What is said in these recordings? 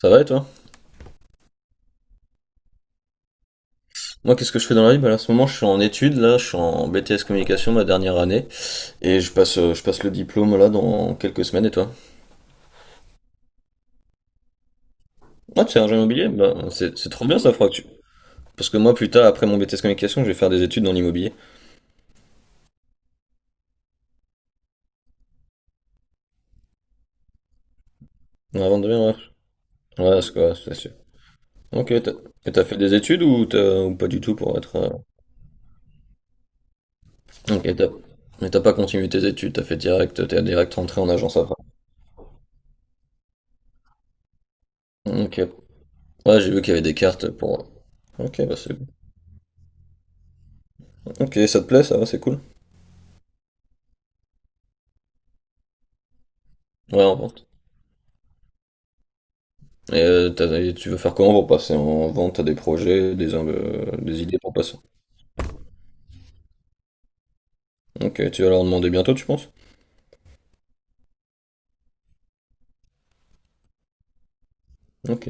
Ça va et toi? Moi, qu'est-ce que je fais dans la vie? Bah, là, en ce moment, je suis en études, là, je suis en BTS communication, ma dernière année, et je passe le diplôme là dans quelques semaines. Et toi? Ah, tu es agent immobilier? Bah, c'est trop bien ça, faudra que tu- Parce que moi, plus tard, après mon BTS communication, je vais faire des études dans l'immobilier. Non, avant de devenir, ouais. Ouais, c'est quoi, c'est sûr. Ok, t'as, et t'as fait des études ou t'as, ou pas du tout pour être, Ok, t'as, mais t'as pas continué tes études, t'as fait direct, t'es direct rentré en agence après. Ok. Ouais, j'ai vu qu'il y avait des cartes pour. Ok, bah c'est. Ok, ça te plaît, ça va, c'est cool. Ouais, on va. Et et tu veux faire comment pour passer en vente? T'as des projets, des idées pour passer? Ok, tu vas leur demander bientôt, tu penses? Ok.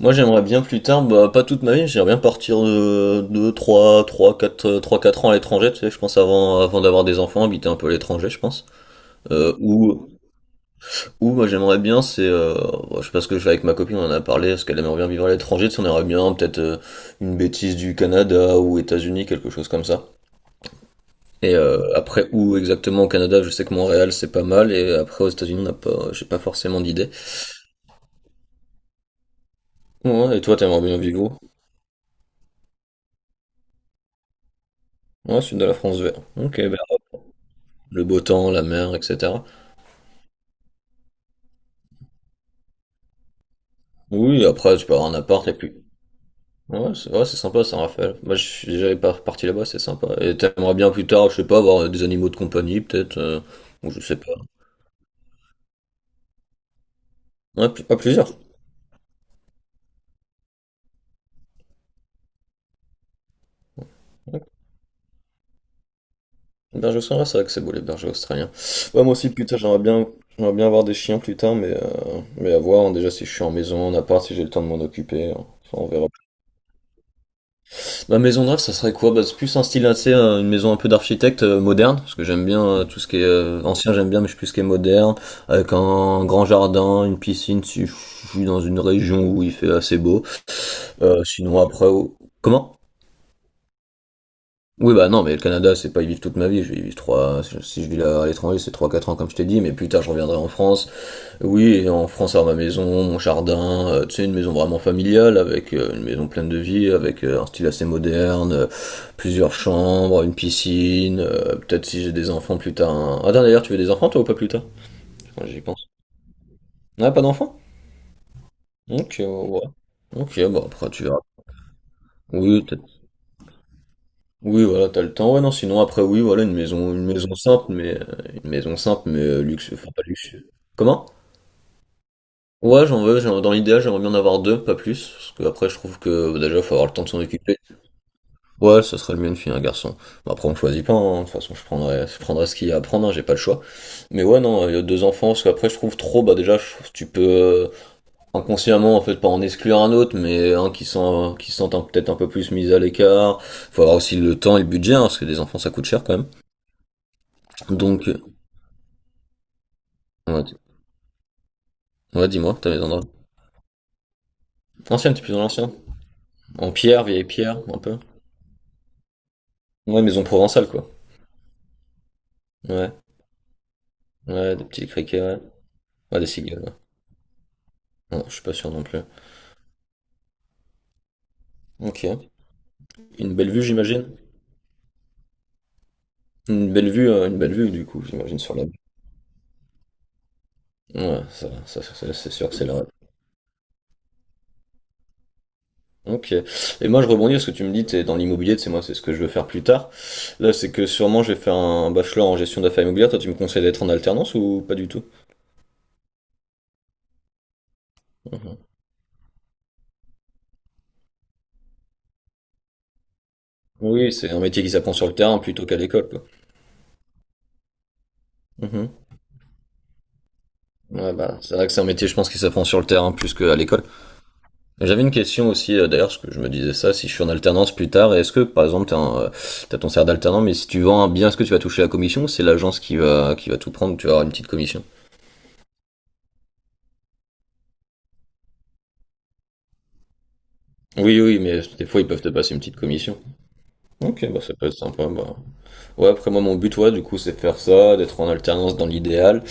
Moi, j'aimerais bien plus tard, bah, pas toute ma vie, j'aimerais bien partir de 2, 3 3, 4, 3, 4 ans à l'étranger, tu sais, je pense avant d'avoir des enfants, habiter un peu à l'étranger, je pense. Euh, ou, ou, moi, j'aimerais bien, c'est, bon, je sais pas ce que je fais avec ma copine, on en a parlé, parce qu'elle aimerait bien vivre à l'étranger, tu sais, on aimerait bien, peut-être, une bêtise du Canada ou États-Unis, quelque chose comme ça. Et après où exactement au Canada, je sais que Montréal c'est pas mal, et après aux États-Unis, on n'a pas, j'ai pas forcément d'idée. Ouais, et toi, t'aimerais bien vivre où? Ouais, sud de la France vert. Ok, bah, le beau temps, la mer, etc. Oui, après tu peux avoir un appart et puis. Ouais, c'est sympa Saint-Raphaël. Moi, je suis déjà parti là-bas, c'est sympa. Et t'aimerais bien plus tard, je sais pas, avoir des animaux de compagnie, peut-être, ou je sais pas. Ouais, plusieurs. Une Berger australien, ouais, c'est vrai que c'est beau les bergers australiens. Ouais, moi aussi, putain, j'aimerais bien avoir des chiens plus tard, mais à voir, hein. Déjà, si je suis en maison, en appart, si j'ai le temps de m'en occuper, hein. Ça, on verra. Ma maison de rêve, ça serait quoi? Bah, c'est plus un style assez, une maison un peu d'architecte moderne, parce que j'aime bien tout ce qui est ancien, j'aime bien, mais je suis plus ce qui est moderne, avec un grand jardin, une piscine, si je suis dans une région où il fait assez beau. Sinon, après, comment? Oui, bah non, mais le Canada, c'est pas y vivre toute ma vie. Je vais y vivre trois. Si je vis là à l'étranger, c'est trois quatre ans, comme je t'ai dit, mais plus tard, je reviendrai en France. Oui, et en France, avoir ma maison, mon jardin, tu sais, une maison vraiment familiale, avec une maison pleine de vie, avec un style assez moderne, plusieurs chambres, une piscine, peut-être si j'ai des enfants plus tard. Ah, d'ailleurs, tu veux des enfants, toi, ou pas plus tard? Quand j'y pense. Ah, pas d'enfants? Ok, ouais. Ok, bon, après, tu verras. Oui, peut-être. Oui, voilà, t'as le temps. Ouais, non, sinon après, oui, voilà, une maison, une maison simple, luxueux, enfin pas luxueux. Comment? Ouais, dans l'idéal, j'aimerais bien en avoir deux, pas plus, parce que après, je trouve que bah, déjà, faut avoir le temps de s'en occuper. Ouais, ça serait le mieux une fille, un garçon. Bah, après, on choisit pas, hein. De toute façon, je prendrai ce qu'il y a à prendre, hein, j'ai pas le choix. Mais ouais, non, deux enfants, parce qu'après, je trouve trop, bah déjà, je trouve que tu peux inconsciemment, en fait, pas en exclure un autre, mais qui se sent peut-être un peu plus mis à l'écart. Faut avoir aussi le temps et le budget, hein, parce que des enfants, ça coûte cher quand même. Donc, ouais, ouais, dis-moi, ta maison de rêve. Ancienne, t'es plus dans l'ancien. En pierre, vieille pierre, un peu. Ouais, maison provençale, quoi. Ouais, ouais, des petits criquets, ouais. Ouais, des cigales, ouais. Non, je suis pas sûr non plus. Ok. Une belle vue, j'imagine. Une belle vue, du coup, j'imagine, sur la... Ouais, ça, c'est sûr que c'est le rêve. Ok. Et moi, je rebondis parce que tu me dis, t'es dans l'immobilier, c'est moi, c'est ce que je veux faire plus tard. Là, c'est que sûrement, j'ai fait un bachelor en gestion d'affaires immobilières. Toi, tu me conseilles d'être en alternance ou pas du tout? Mhm. Oui, c'est un métier qui s'apprend sur le terrain plutôt qu'à l'école, quoi. Mmh. Ouais, bah, c'est vrai que c'est un métier, je pense, qui s'apprend sur le terrain plus qu'à l'école. J'avais une question aussi, d'ailleurs, parce que je me disais ça, si je suis en alternance plus tard, est-ce que, par exemple, t'as ton salaire d'alternant, mais si tu vends un bien, est-ce que tu vas toucher la commission ou c'est l'agence qui va tout prendre, tu vas avoir une petite commission? Oui, oui, mais des fois, ils peuvent te passer une petite commission. Ok, bah, ça peut être sympa, bah. Ouais, après moi mon but ouais du coup c'est faire ça, d'être en alternance dans l'idéal,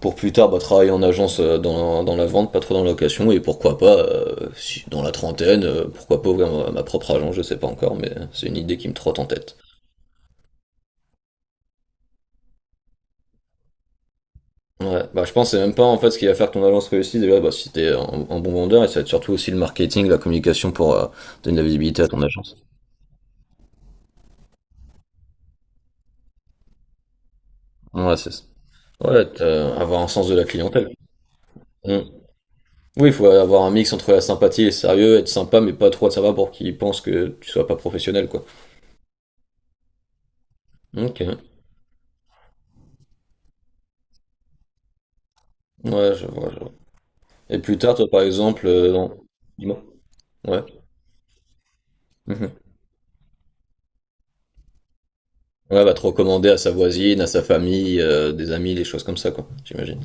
pour plus tard bah, travailler en agence dans la vente, pas trop dans la location, et pourquoi pas, si, dans la trentaine, pourquoi pas ouvrir ma propre agence, je sais pas encore, mais c'est une idée qui me trotte en tête. Ouais, bah je pense que c'est même pas en fait ce qui va faire que ton agence réussisse déjà, bah si un bon vendeur, et ça va être surtout aussi le marketing, la communication pour donner de la visibilité à ton agence. Ouais, c'est ça. Avoir un sens de la clientèle. Mm. Oui, il faut avoir un mix entre la sympathie et le sérieux, être sympa mais pas trop de sympa pour qu'ils pensent que tu sois pas professionnel, quoi. Ok. Ouais, je vois, je vois. Et plus tard, toi, par exemple, dis-moi. Ouais. Mhm. Ouais, va te recommander à sa voisine, à sa famille, des amis, des choses comme ça, quoi, j'imagine.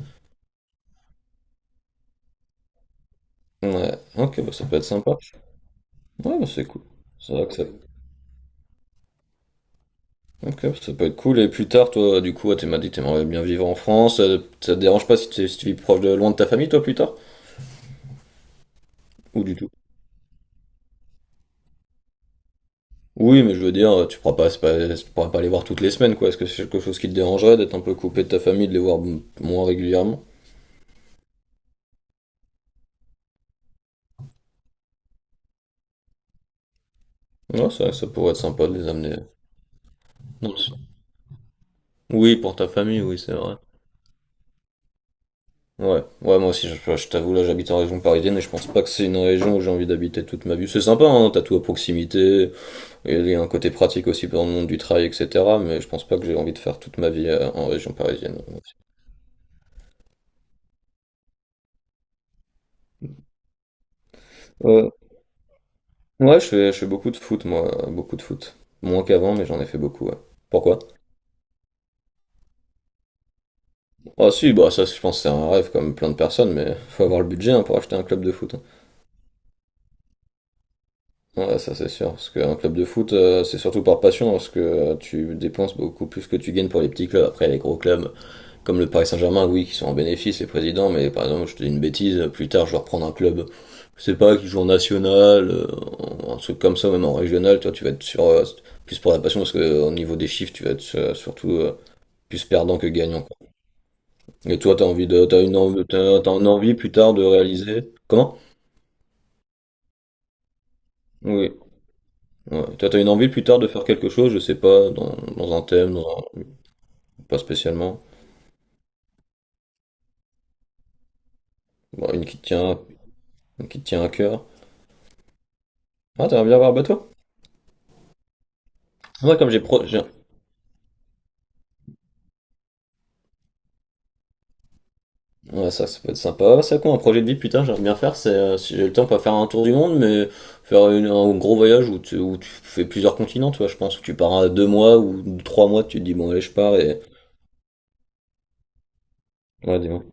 Ouais. Ok, bah ça peut être sympa. Ouais, bah, c'est cool. C'est vrai que ça... Ok, bah, ça peut être cool. Et plus tard, toi, du coup, tu m'as dit que t'aimerais bien vivre en France, ça te dérange pas si tu, si tu vis proche de loin de ta famille, toi, plus tard? Ou du tout? Oui, mais je veux dire, tu pourras pas, c'est pas- tu pourras pas les voir toutes les semaines, quoi. Est-ce que c'est quelque chose qui te dérangerait d'être un peu coupé de ta famille, de les voir moins régulièrement? Ouais, ça pourrait être sympa de les amener. Non, c'est- Oui, pour ta famille, oui, c'est vrai. Ouais, ouais, moi aussi, je t'avoue, là, j'habite en région parisienne et je pense pas que c'est une région où j'ai envie d'habiter toute ma vie. C'est sympa, hein, t'as tout à proximité, et il y a un côté pratique aussi dans le monde du travail, etc. Mais je pense pas que j'ai envie de faire toute ma vie en région parisienne. Euh, je fais beaucoup de foot, moi, beaucoup de foot. Moins qu'avant, mais j'en ai fait beaucoup, ouais. Pourquoi? Ah si, bah ça je pense que c'est un rêve comme plein de personnes, mais faut avoir le budget hein, pour acheter un club de foot, hein. Ouais, ça c'est sûr, parce qu'un club de foot c'est surtout par passion, parce que tu dépenses beaucoup plus que tu gagnes pour les petits clubs. Après les gros clubs comme le Paris Saint-Germain, oui, qui sont en bénéfice les présidents, mais par exemple je te dis une bêtise, plus tard je vais reprendre un club, je sais pas, qui joue en national, un truc comme ça, même en régional, toi tu vas être sur plus pour la passion, parce que au niveau des chiffres tu vas être surtout plus perdant que gagnant. Et toi, t'as envie de, t'as une envie plus tard de réaliser. Comment? Oui. Ouais. Toi, t'as une envie plus tard de faire quelque chose, je sais pas, dans un thème, un- pas spécialement. Bon, une qui te tient, une qui te tient à cœur. Ah, t'aimerais bien avoir un bateau? Moi, comme j'ai pro, j'ai- ouais, ça peut être sympa. Ouais, c'est quoi un projet de vie plus tard, j'aimerais bien faire, c'est, si j'ai le temps, pas faire un tour du monde, mais un gros voyage où tu fais plusieurs continents, tu vois, je pense, où tu pars à deux mois ou trois mois, tu te dis, bon, allez, je pars et, ouais, dis-moi.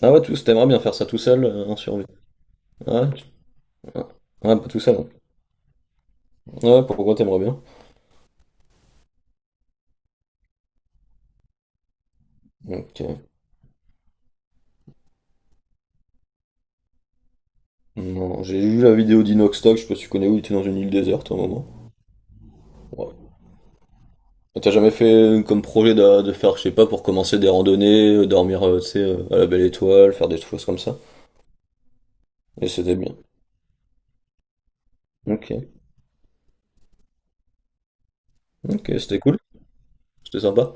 Ah ouais, tous, t'aimerais bien faire ça tout seul, en survie. Ouais, ah, ah, pas tout ça, non. Ouais, pourquoi t'aimerais bien? Ok. Non, j'ai vu la vidéo d'Inoxtag, je sais pas si tu connais où, il était dans une île déserte à un moment. Ouais. T'as jamais fait comme projet faire, je sais pas, pour commencer des randonnées, dormir, tu sais, à la belle étoile, faire des choses comme ça? Et c'était bien. Ok. Ok, c'était cool. C'était sympa.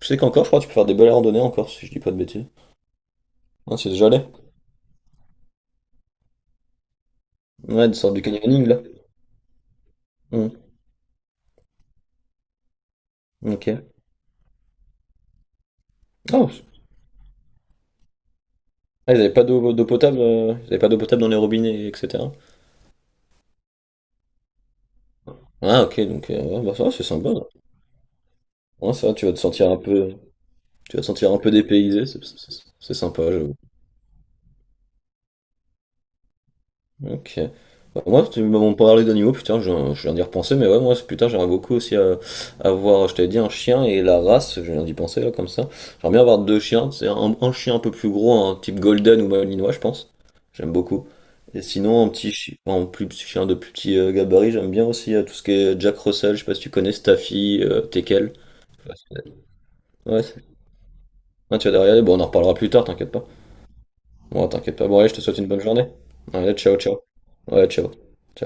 Je sais qu'encore, je crois que tu peux faire des belles randonnées encore, si je dis pas de bêtises. Ah, c'est déjà allé. Ouais, des sortes de canyoning, là. Hmm. Ok. Oh, ah, ils avaient pas d'eau potable, ils avaient pas d'eau potable dans les robinets, etc. Ah, ok, donc, ouais, bah ça, c'est sympa. Ouais, ça, tu vas te sentir un peu, tu vas te sentir un peu dépaysé, c'est sympa, j'avoue. Ok. Bah, moi, tu m'as parlé d'animaux, putain, je viens d'y repenser, mais ouais, moi, c'est- putain, j'aimerais beaucoup aussi avoir, je t'avais dit, un chien et la race, je viens d'y penser, là, comme ça. J'aimerais bien avoir deux chiens, un chien un peu plus gros, un type golden ou malinois, je pense. J'aime beaucoup. Et sinon, un petit chien, un plus petit chien de plus petit gabarit, j'aime bien aussi tout ce qui est Jack Russell, je sais pas si tu connais Staffy, Tekel. Ouais, c'est- ouais, tu vas derrière, bon, on en reparlera plus tard, t'inquiète pas. Bon, t'inquiète pas, bon, allez, je te souhaite une bonne journée. Allez, ciao, ciao. Ouais, ciao. Ciao.